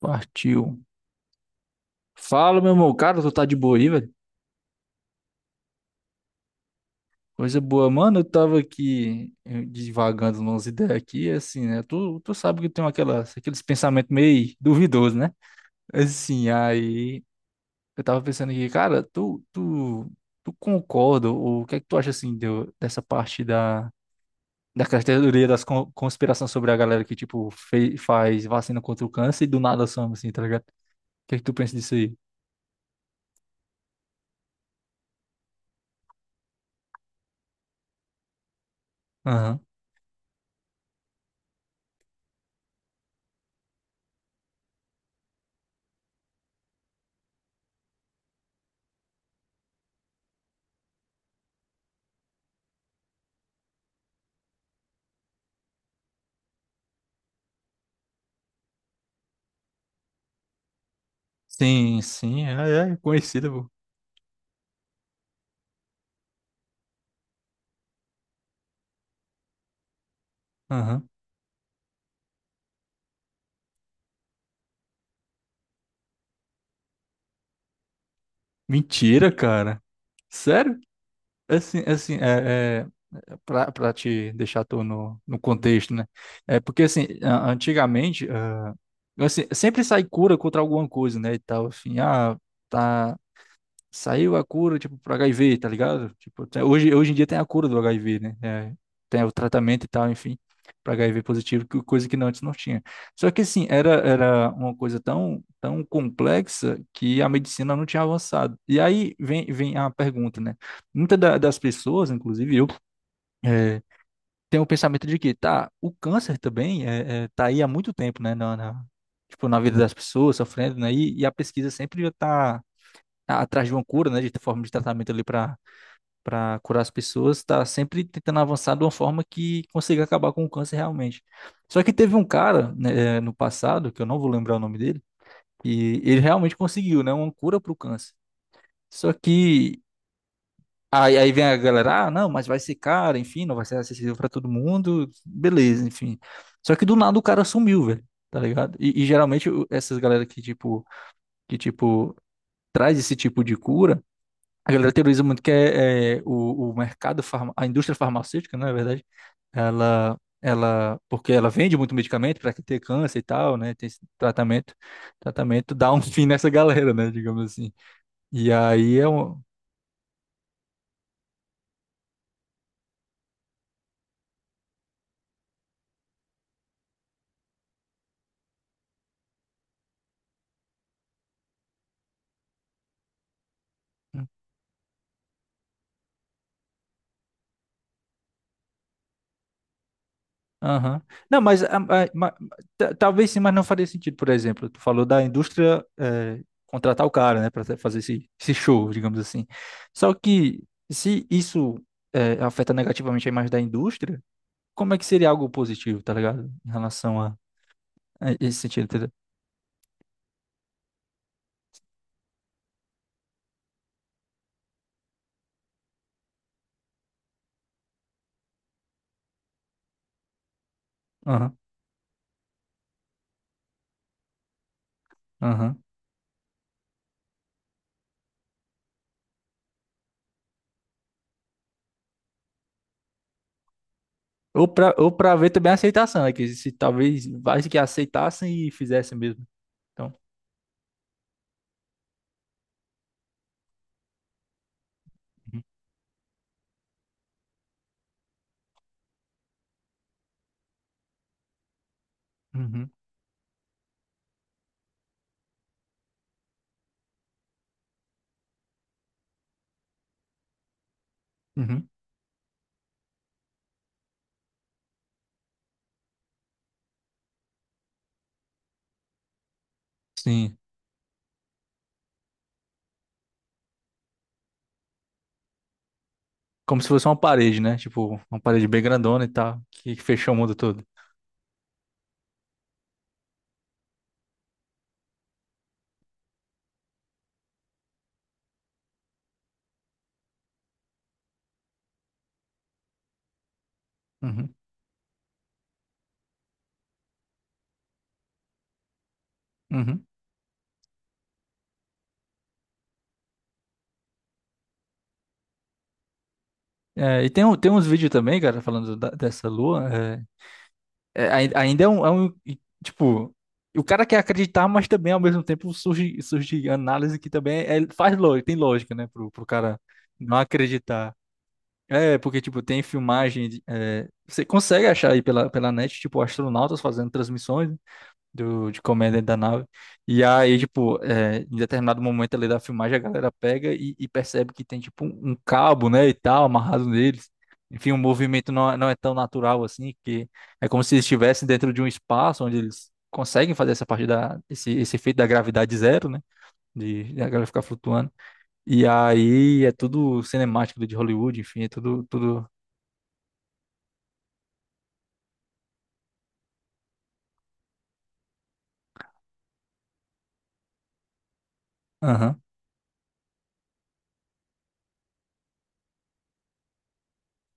Partiu. Fala, meu irmão. Cara, tu tá de boa aí, velho? Coisa boa, mano. Eu tava aqui divagando umas ideias aqui, assim, né? Tu sabe que eu tenho aquelas, aqueles pensamentos meio duvidosos, né? Assim, aí eu tava pensando aqui, cara, tu concorda? Ou o que é que tu acha, assim, dessa parte da, da teoria das conspirações sobre a galera que, tipo, faz vacina contra o câncer e do nada some, assim, tá ligado? O que é que tu pensa disso aí? Aham. Sim, sim, é, é conhecida, pô. Aham. Mentira, cara. Sério? É assim, é assim, é pra, pra te deixar tu no, no contexto, né? É porque, assim, antigamente, ah, assim, sempre sai cura contra alguma coisa, né, e tal, assim, ah, tá, saiu a cura, tipo, pro HIV, tá ligado? Tipo, até hoje, hoje em dia tem a cura do HIV, né? É, tem o tratamento e tal, enfim, para HIV positivo, coisa que não, antes não tinha. Só que, assim, era, era uma coisa tão, tão complexa que a medicina não tinha avançado. E aí vem, vem a pergunta, né? Muitas das pessoas, inclusive eu, é, tem o pensamento de que, tá, o câncer também tá aí há muito tempo, né? Na, tipo, na vida das pessoas, sofrendo, né? E a pesquisa sempre já tá atrás de uma cura, né, de forma de tratamento ali para para curar as pessoas, está sempre tentando avançar de uma forma que consiga acabar com o câncer realmente. Só que teve um cara, né, no passado, que eu não vou lembrar o nome dele, e ele realmente conseguiu, né, uma cura para o câncer. Só que aí, aí vem a galera, ah, não, mas vai ser caro, enfim, não vai ser acessível para todo mundo, beleza, enfim. Só que do nada o cara sumiu, velho. Tá ligado? E geralmente essas galera que tipo traz esse tipo de cura. A galera teoriza muito que é, é o mercado, farma, a indústria farmacêutica, né, na verdade, ela, porque ela vende muito medicamento para quem tem câncer e tal, né? Tem esse tratamento, tratamento dá um fim nessa galera, né? Digamos assim. E aí é um. Aham. Não, mas, ah, ah, talvez sim, mas não faria sentido, por exemplo, tu falou da indústria contratar o cara, né, para fazer esse, esse show, digamos assim. Só que se isso afeta negativamente a imagem da indústria, como é que seria algo positivo, tá ligado? Em relação a esse sentido, entendeu? Aham, aham. Ou pra ver também a aceitação, né? Que se talvez vários que aceitassem e fizessem mesmo. Então, uhum, uhum, uhum. Sim. Como se fosse uma parede, né? Tipo, uma parede bem grandona e tal, que fechou o mundo todo. Uhum, uhum. É, e tem, tem uns vídeos também, cara, falando dessa lua. É, é, ainda é um, e, tipo, o cara quer acreditar, mas também ao mesmo tempo surge, surge análise que também é, é, faz lógica, tem lógica, né? Pro, pro cara não acreditar. É, porque, tipo, tem filmagem. É, você consegue achar aí pela, pela net, tipo, astronautas fazendo transmissões do, de comer dentro da nave. E aí, tipo, é, em determinado momento ali da filmagem, a galera pega e percebe que tem, tipo, um cabo, né, e tal, amarrado neles. Enfim, o movimento não, não é tão natural assim, que é como se eles estivessem dentro de um espaço onde eles conseguem fazer essa parte da, esse efeito da gravidade zero, né, de a galera ficar flutuando. E aí é tudo cinemático de Hollywood, enfim, é tudo, tudo... Aham,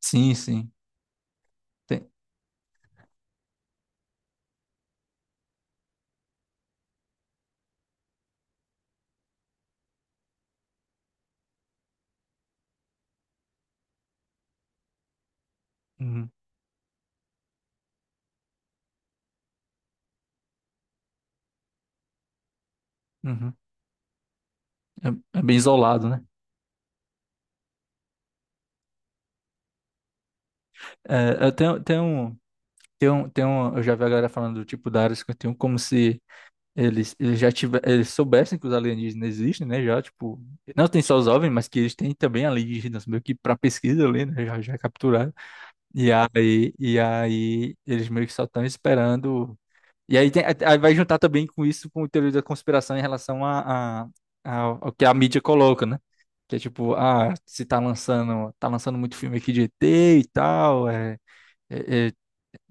sim, sim. Tem... Uhum, uhum. É, é bem isolado, né? É, eu tenho, tem um, tem um, eu já vi a galera falando do tipo da Área 51 como se eles, eles já tiver, eles soubessem que os alienígenas existem, né? Já, tipo, não tem só os OVNIs, mas que eles têm também alienígenas, meio que para pesquisa ali, né? Já, já capturaram. E aí eles meio que só estão esperando. E aí, tem, aí vai juntar também com isso, com o teoria da conspiração em relação a, ao que a mídia coloca, né? Que é tipo, ah, se tá lançando, tá lançando muito filme aqui de ET e tal, é. é, é,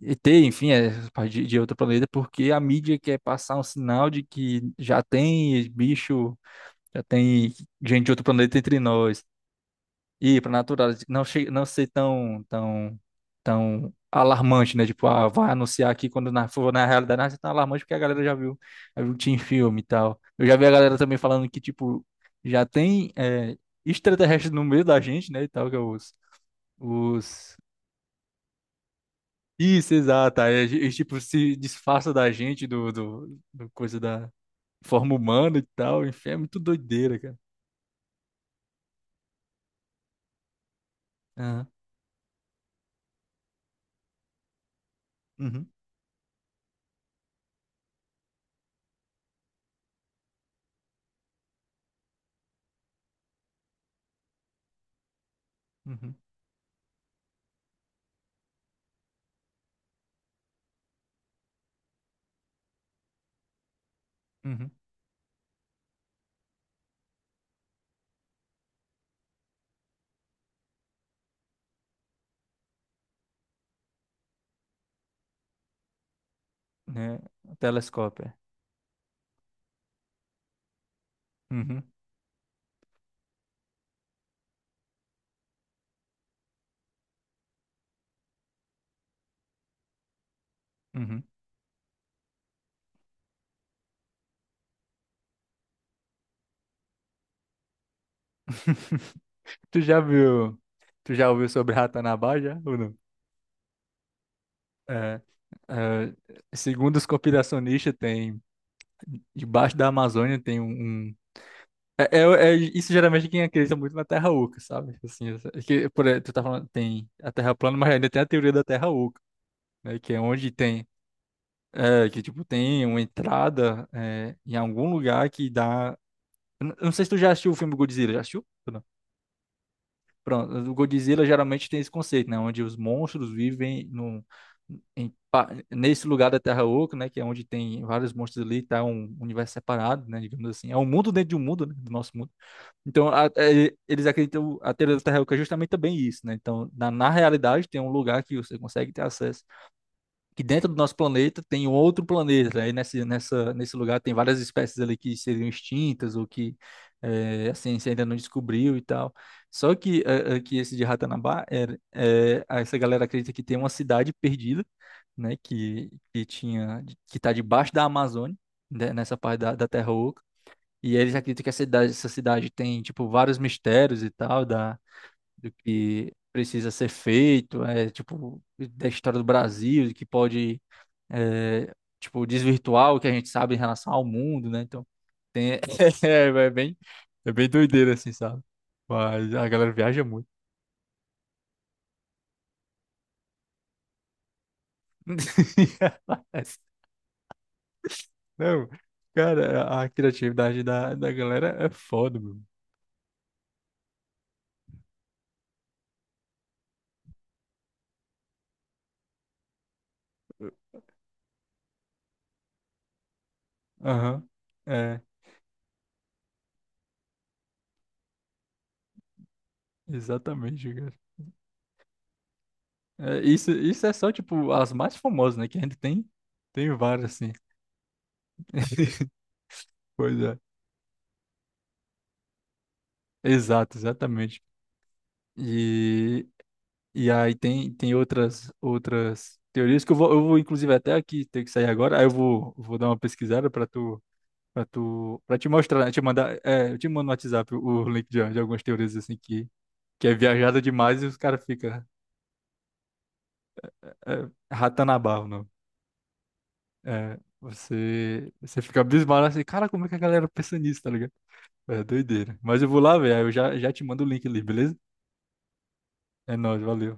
e ter, enfim, é, de outro planeta, porque a mídia quer passar um sinal de que já tem bicho, já tem gente de outro planeta entre nós. E para natural, não, não ser tão, tão, tão alarmante, né? Tipo, ah, vai anunciar aqui quando na, for na realidade, não, isso é tão alarmante porque a galera já viu tinha em filme e tal. Eu já vi a galera também falando que, tipo, já tem é, extraterrestre no meio da gente, né? E tal, que é os. Os isso, exato. Aí eles, tipo, se disfarça da gente, do, do, do coisa da forma humana e tal. Enfim, é muito doideira, cara. Aham. Uhum. Uhum. Uhum. Né? O telescópio. É. Uhum. Uhum. Tu já viu? Tu já ouviu sobre Ratanabá já? Ou não? É, é, segundo os conspiracionistas, tem debaixo da Amazônia tem um, um- é, é isso, geralmente quem acredita muito na Terra Oca, sabe? Assim, que, por, tu tá falando, tem a Terra plana, mas ainda tem a teoria da Terra Oca, né? Que é onde tem, é, que tipo tem uma entrada é, em algum lugar que dá. Eu não sei se tu já assistiu o filme Godzilla, já assistiu? Ou não? Pronto, o Godzilla geralmente tem esse conceito, né? Onde os monstros vivem num, nesse lugar da Terra Oca, né? Que é onde tem vários monstros ali, tá um universo separado, né? Digamos assim, é um mundo dentro de um mundo, né? Do nosso mundo. Então, é, eles acreditam a teoria da Terra Oca é justamente também isso, né? Então, na, na realidade, tem um lugar que você consegue ter acesso, que dentro do nosso planeta tem um outro planeta. Aí nessa, nessa, nesse lugar tem várias espécies ali que seriam extintas ou que assim, a ciência ainda não descobriu e tal. Só que, que esse de Ratanabá, era, essa galera acredita que tem uma cidade perdida, né, que tinha, que está debaixo da Amazônia, né, nessa parte da, da Terra Oca. E eles acreditam que essa cidade tem, tipo, vários mistérios e tal, da, do que precisa ser feito, é, tipo, da história do Brasil, que pode é, tipo, desvirtuar o que a gente sabe em relação ao mundo, né? Então, tem, é, é bem doideira, assim, sabe? Mas a galera viaja muito. Não, cara, a criatividade da, da galera é foda, meu. Aham, é, exatamente, cara. É, isso é só, tipo, as mais famosas, né? Que a gente tem, tem várias, assim. Pois é, exato, exatamente. E e aí tem, tem outras outras teorias que eu vou inclusive até aqui ter que sair agora. Aí eu vou, vou dar uma pesquisada para tu para tu para te mostrar, né? Te mandar, é, eu te mando no WhatsApp o link de algumas teorias assim que é viajada demais e os caras fica é, Ratanabá, não. É, você fica abismado assim, cara, como é que a galera pensa nisso, tá ligado? É doideira. Mas eu vou lá, velho, aí eu já te mando o link ali, beleza? É nóis, valeu.